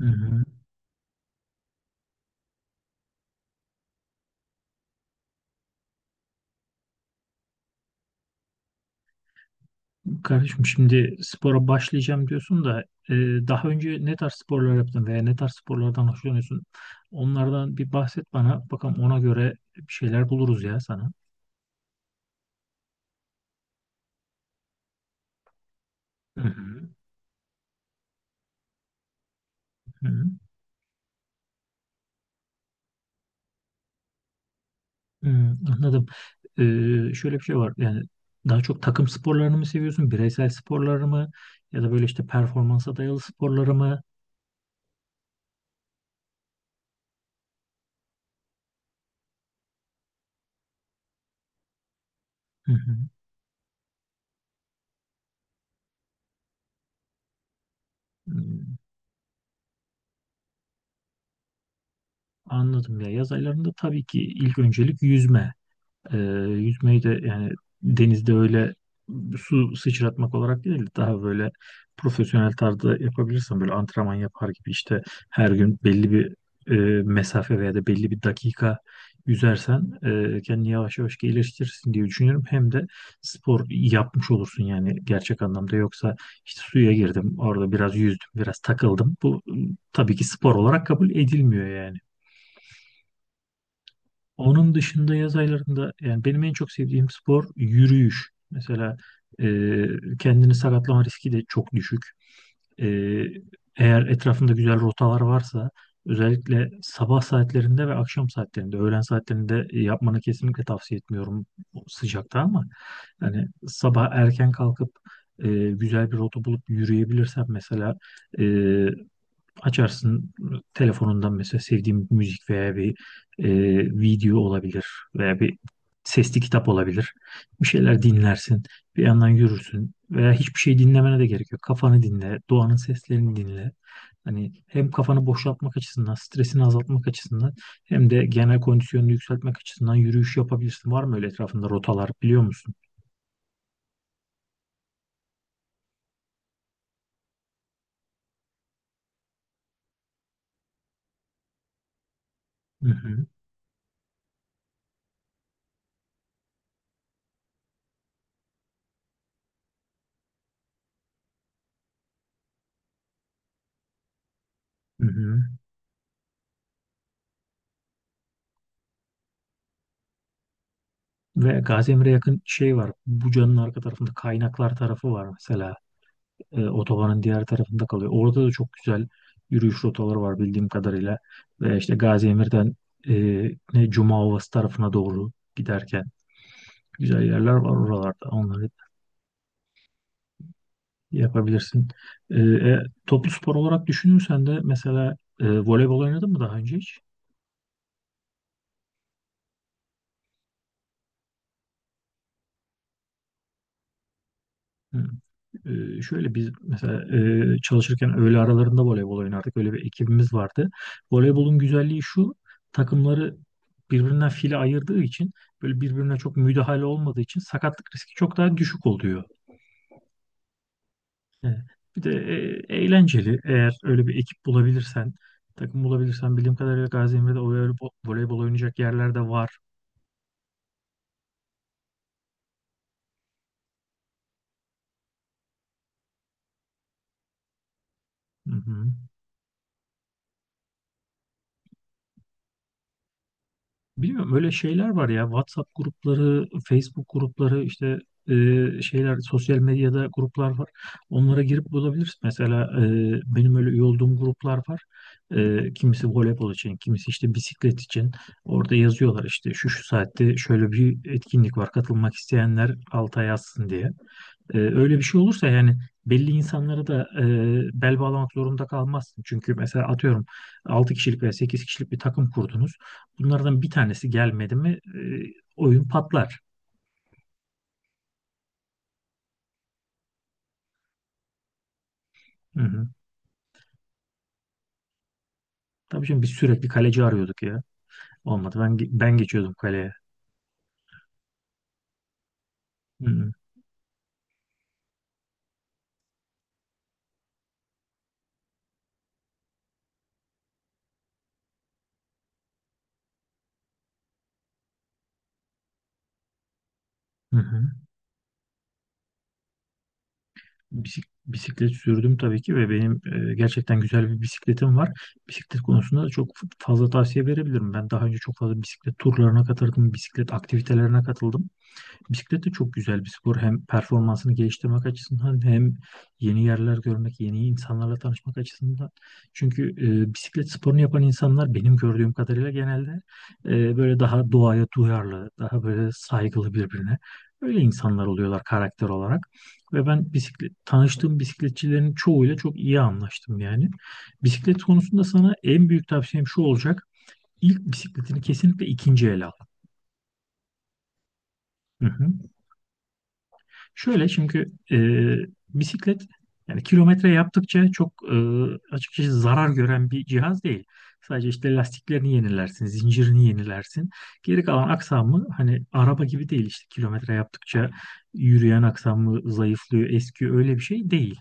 Hı hı. Kardeşim, şimdi spora başlayacağım diyorsun da e, daha önce ne tarz sporlar yaptın veya ne tarz sporlardan hoşlanıyorsun? Onlardan bir bahset bana. Bakalım ona göre bir şeyler buluruz ya sana. Hı hı. Hı hı. Hı, anladım. Şöyle bir şey var. Yani daha çok takım sporlarını mı seviyorsun? Bireysel sporları mı? Ya da böyle işte performansa dayalı sporları mı? Hı hı. Hı, anladım ya. Yaz aylarında tabii ki ilk öncelik yüzme. Ee, Yüzmeyi de yani denizde öyle su sıçratmak olarak değil, daha böyle profesyonel tarzda yapabilirsen, böyle antrenman yapar gibi işte her gün belli bir mesafe veya da belli bir dakika yüzersen kendini yavaş yavaş geliştirirsin diye düşünüyorum. Hem de spor yapmış olursun yani gerçek anlamda. Yoksa işte suya girdim, orada biraz yüzdüm, biraz takıldım, bu tabii ki spor olarak kabul edilmiyor yani. Onun dışında yaz aylarında yani benim en çok sevdiğim spor yürüyüş. Mesela e, kendini sakatlama riski de çok düşük. E, Eğer etrafında güzel rotalar varsa, özellikle sabah saatlerinde ve akşam saatlerinde, öğlen saatlerinde yapmanı kesinlikle tavsiye etmiyorum o sıcakta. Ama yani sabah erken kalkıp güzel bir rota bulup yürüyebilirsen, mesela açarsın telefonundan mesela sevdiğim bir müzik veya bir e, video olabilir veya bir sesli kitap olabilir. Bir şeyler dinlersin, bir yandan yürürsün. Veya hiçbir şey dinlemene de gerek yok. Kafanı dinle, doğanın seslerini dinle. Hani hem kafanı boşaltmak açısından, stresini azaltmak açısından hem de genel kondisyonunu yükseltmek açısından yürüyüş yapabilirsin. Var mı öyle etrafında rotalar, biliyor musun? Hı hı, hı hı. Ve Gaziantep'e yakın şey var. Buca'nın arka tarafında kaynaklar tarafı var mesela. Otobanın diğer tarafında kalıyor. Orada da çok güzel yürüyüş rotaları var bildiğim kadarıyla. Ve işte Gazi Emir'den e, ne Cuma Ovası tarafına doğru giderken güzel yerler var oralarda. Onları yapabilirsin. E, e, Toplu spor olarak düşünürsen de mesela voleybol oynadın mı daha önce hiç? Hı. Şöyle, biz mesela çalışırken öğle aralarında voleybol oynardık. Öyle bir ekibimiz vardı. Voleybolun güzelliği şu: takımları birbirinden file ayırdığı için, böyle birbirine çok müdahale olmadığı için sakatlık riski çok daha düşük oluyor. Evet. Bir de eğlenceli. Eğer öyle bir ekip bulabilirsen, takım bulabilirsen, bildiğim kadarıyla Gaziantep'te voleybol oynayacak yerler de var. Hı hı. Bilmiyorum, öyle şeyler var ya, WhatsApp grupları, Facebook grupları, işte e, şeyler, sosyal medyada gruplar var. Onlara girip bulabilirsin. Mesela benim öyle üye olduğum gruplar var. Kimisi voleybol için, kimisi işte bisiklet için. Orada yazıyorlar işte şu şu saatte şöyle bir etkinlik var, katılmak isteyenler alta yazsın diye. Öyle bir şey olursa yani belli insanlara da bel bağlamak zorunda kalmazsın. Çünkü mesela atıyorum, 6 kişilik veya 8 kişilik bir takım kurdunuz. Bunlardan bir tanesi gelmedi mi oyun patlar. Hı hı. Tabii şimdi biz sürekli kaleci arıyorduk ya. Olmadı. Ben geçiyordum kaleye. Hı hı. Hı hı. Bisiklet sürdüm tabii ki ve benim gerçekten güzel bir bisikletim var. Bisiklet konusunda da çok fazla tavsiye verebilirim. Ben daha önce çok fazla bisiklet turlarına katıldım, bisiklet aktivitelerine katıldım. Bisiklet de çok güzel bir spor. Hem performansını geliştirmek açısından hem yeni yerler görmek, yeni insanlarla tanışmak açısından. Çünkü bisiklet sporunu yapan insanlar benim gördüğüm kadarıyla genelde böyle daha doğaya duyarlı, daha böyle saygılı birbirine. Öyle insanlar oluyorlar karakter olarak. Ve ben bisiklet, tanıştığım bisikletçilerin çoğuyla çok iyi anlaştım yani. Bisiklet konusunda sana en büyük tavsiyem şu olacak: İlk bisikletini kesinlikle ikinci el al. Hı hı. Şöyle, çünkü bisiklet yani kilometre yaptıkça çok açıkçası zarar gören bir cihaz değil. Sadece işte lastiklerini yenilersin, zincirini yenilersin. Geri kalan aksamı hani araba gibi değil, işte kilometre yaptıkça yürüyen aksamı zayıflıyor, eskiyor, öyle bir şey değil.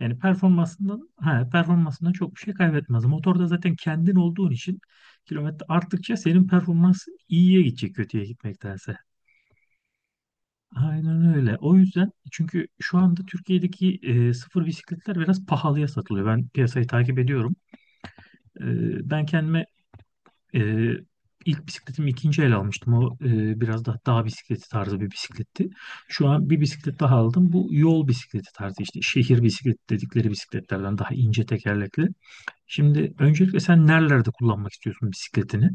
Yani performansından ha, performansından çok bir şey kaybetmez. Motorda zaten kendin olduğun için kilometre arttıkça senin performans iyiye gidecek, kötüye gitmektense. Aynen öyle. O yüzden, çünkü şu anda Türkiye'deki sıfır bisikletler biraz pahalıya satılıyor. Ben piyasayı takip ediyorum. E, Ben kendime e, ilk bisikletimi ikinci el almıştım. O biraz daha dağ bisikleti tarzı bir bisikletti. Şu an bir bisiklet daha aldım. Bu yol bisikleti tarzı, işte şehir bisikleti dedikleri bisikletlerden, daha ince tekerlekli. Şimdi öncelikle sen nerelerde kullanmak istiyorsun bisikletini?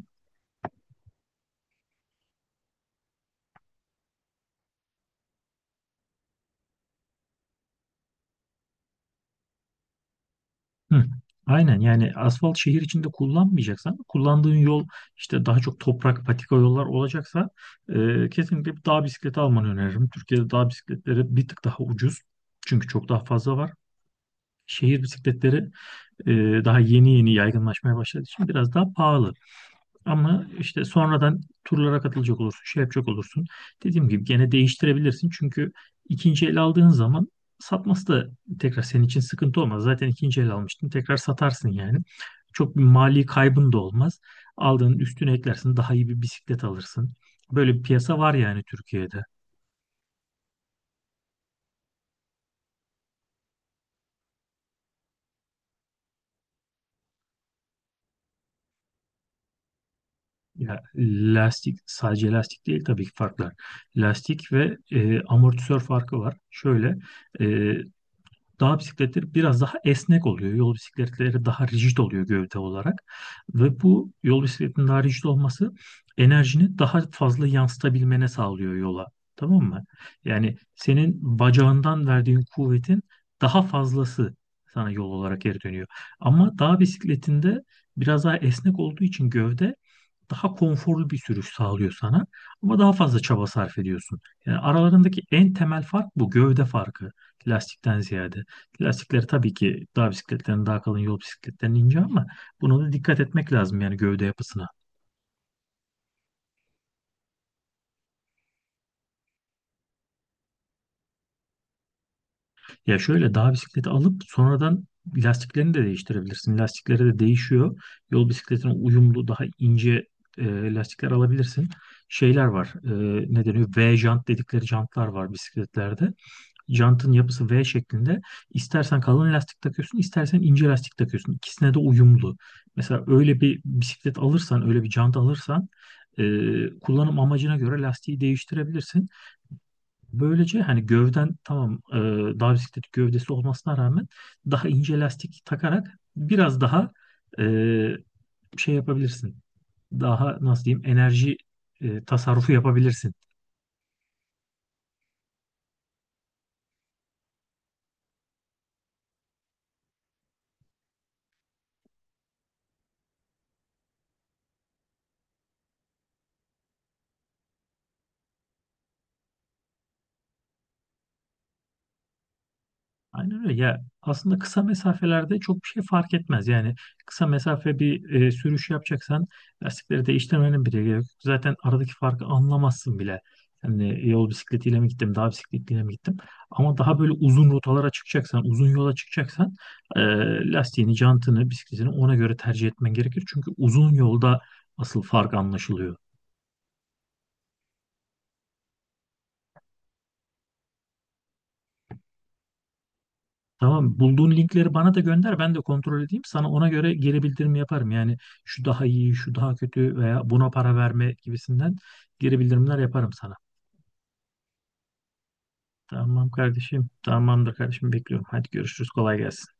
Hı, aynen. Yani asfalt şehir içinde kullanmayacaksan, kullandığın yol işte daha çok toprak patika yollar olacaksa, kesinlikle bir dağ bisikleti almanı öneririm. Türkiye'de dağ bisikletleri bir tık daha ucuz çünkü çok daha fazla var. Şehir bisikletleri e, daha yeni yeni yaygınlaşmaya başladığı için biraz daha pahalı. Ama işte sonradan turlara katılacak olursun, şey yapacak olursun. Dediğim gibi gene değiştirebilirsin. Çünkü ikinci el aldığın zaman satması da tekrar senin için sıkıntı olmaz. Zaten ikinci el almıştın, tekrar satarsın yani. Çok bir mali kaybın da olmaz. Aldığın üstüne eklersin, daha iyi bir bisiklet alırsın. Böyle bir piyasa var yani Türkiye'de. Ya lastik, sadece lastik değil tabii ki farklar. Lastik ve amortisör farkı var. Şöyle, e, dağ bisikletleri biraz daha esnek oluyor. Yol bisikletleri daha rigid oluyor gövde olarak. Ve bu yol bisikletinin daha rigid olması enerjini daha fazla yansıtabilmene sağlıyor yola. Tamam mı? Yani senin bacağından verdiğin kuvvetin daha fazlası sana yol olarak geri dönüyor. Ama dağ bisikletinde biraz daha esnek olduğu için gövde, daha konforlu bir sürüş sağlıyor sana ama daha fazla çaba sarf ediyorsun. Yani aralarındaki en temel fark bu, gövde farkı, lastikten ziyade. Lastikleri tabii ki dağ bisikletlerinin daha kalın, yol bisikletlerinin ince, ama buna da dikkat etmek lazım yani, gövde yapısına. Ya şöyle, dağ bisikleti alıp sonradan lastiklerini de değiştirebilirsin. Lastikleri de değişiyor. Yol bisikletine uyumlu daha ince lastikler alabilirsin. Şeyler var. Ne deniyor? V jant dedikleri jantlar var bisikletlerde. Jantın yapısı V şeklinde. İstersen kalın lastik takıyorsun, istersen ince lastik takıyorsun. İkisine de uyumlu. Mesela öyle bir bisiklet alırsan, öyle bir jant alırsan e, kullanım amacına göre lastiği değiştirebilirsin. Böylece hani gövden tamam, dağ bisikleti gövdesi olmasına rağmen daha ince lastik takarak biraz daha e, şey yapabilirsin. Daha nasıl diyeyim, enerji tasarrufu yapabilirsin. Aynen öyle. Ya aslında kısa mesafelerde çok bir şey fark etmez. Yani kısa mesafe bir sürüş yapacaksan lastikleri değiştirmenin bile gerek yok. Zaten aradaki farkı anlamazsın bile. Yani yol bisikletiyle mi gittim, dağ bisikletiyle mi gittim. Ama daha böyle uzun rotalara çıkacaksan, uzun yola çıkacaksan, e, lastiğini, jantını, bisikletini ona göre tercih etmen gerekir. Çünkü uzun yolda asıl fark anlaşılıyor. Tamam, bulduğun linkleri bana da gönder, ben de kontrol edeyim. Sana ona göre geri bildirim yaparım. Yani şu daha iyi, şu daha kötü veya buna para verme gibisinden geri bildirimler yaparım sana. Tamam kardeşim, tamamdır kardeşim, bekliyorum. Hadi görüşürüz, kolay gelsin.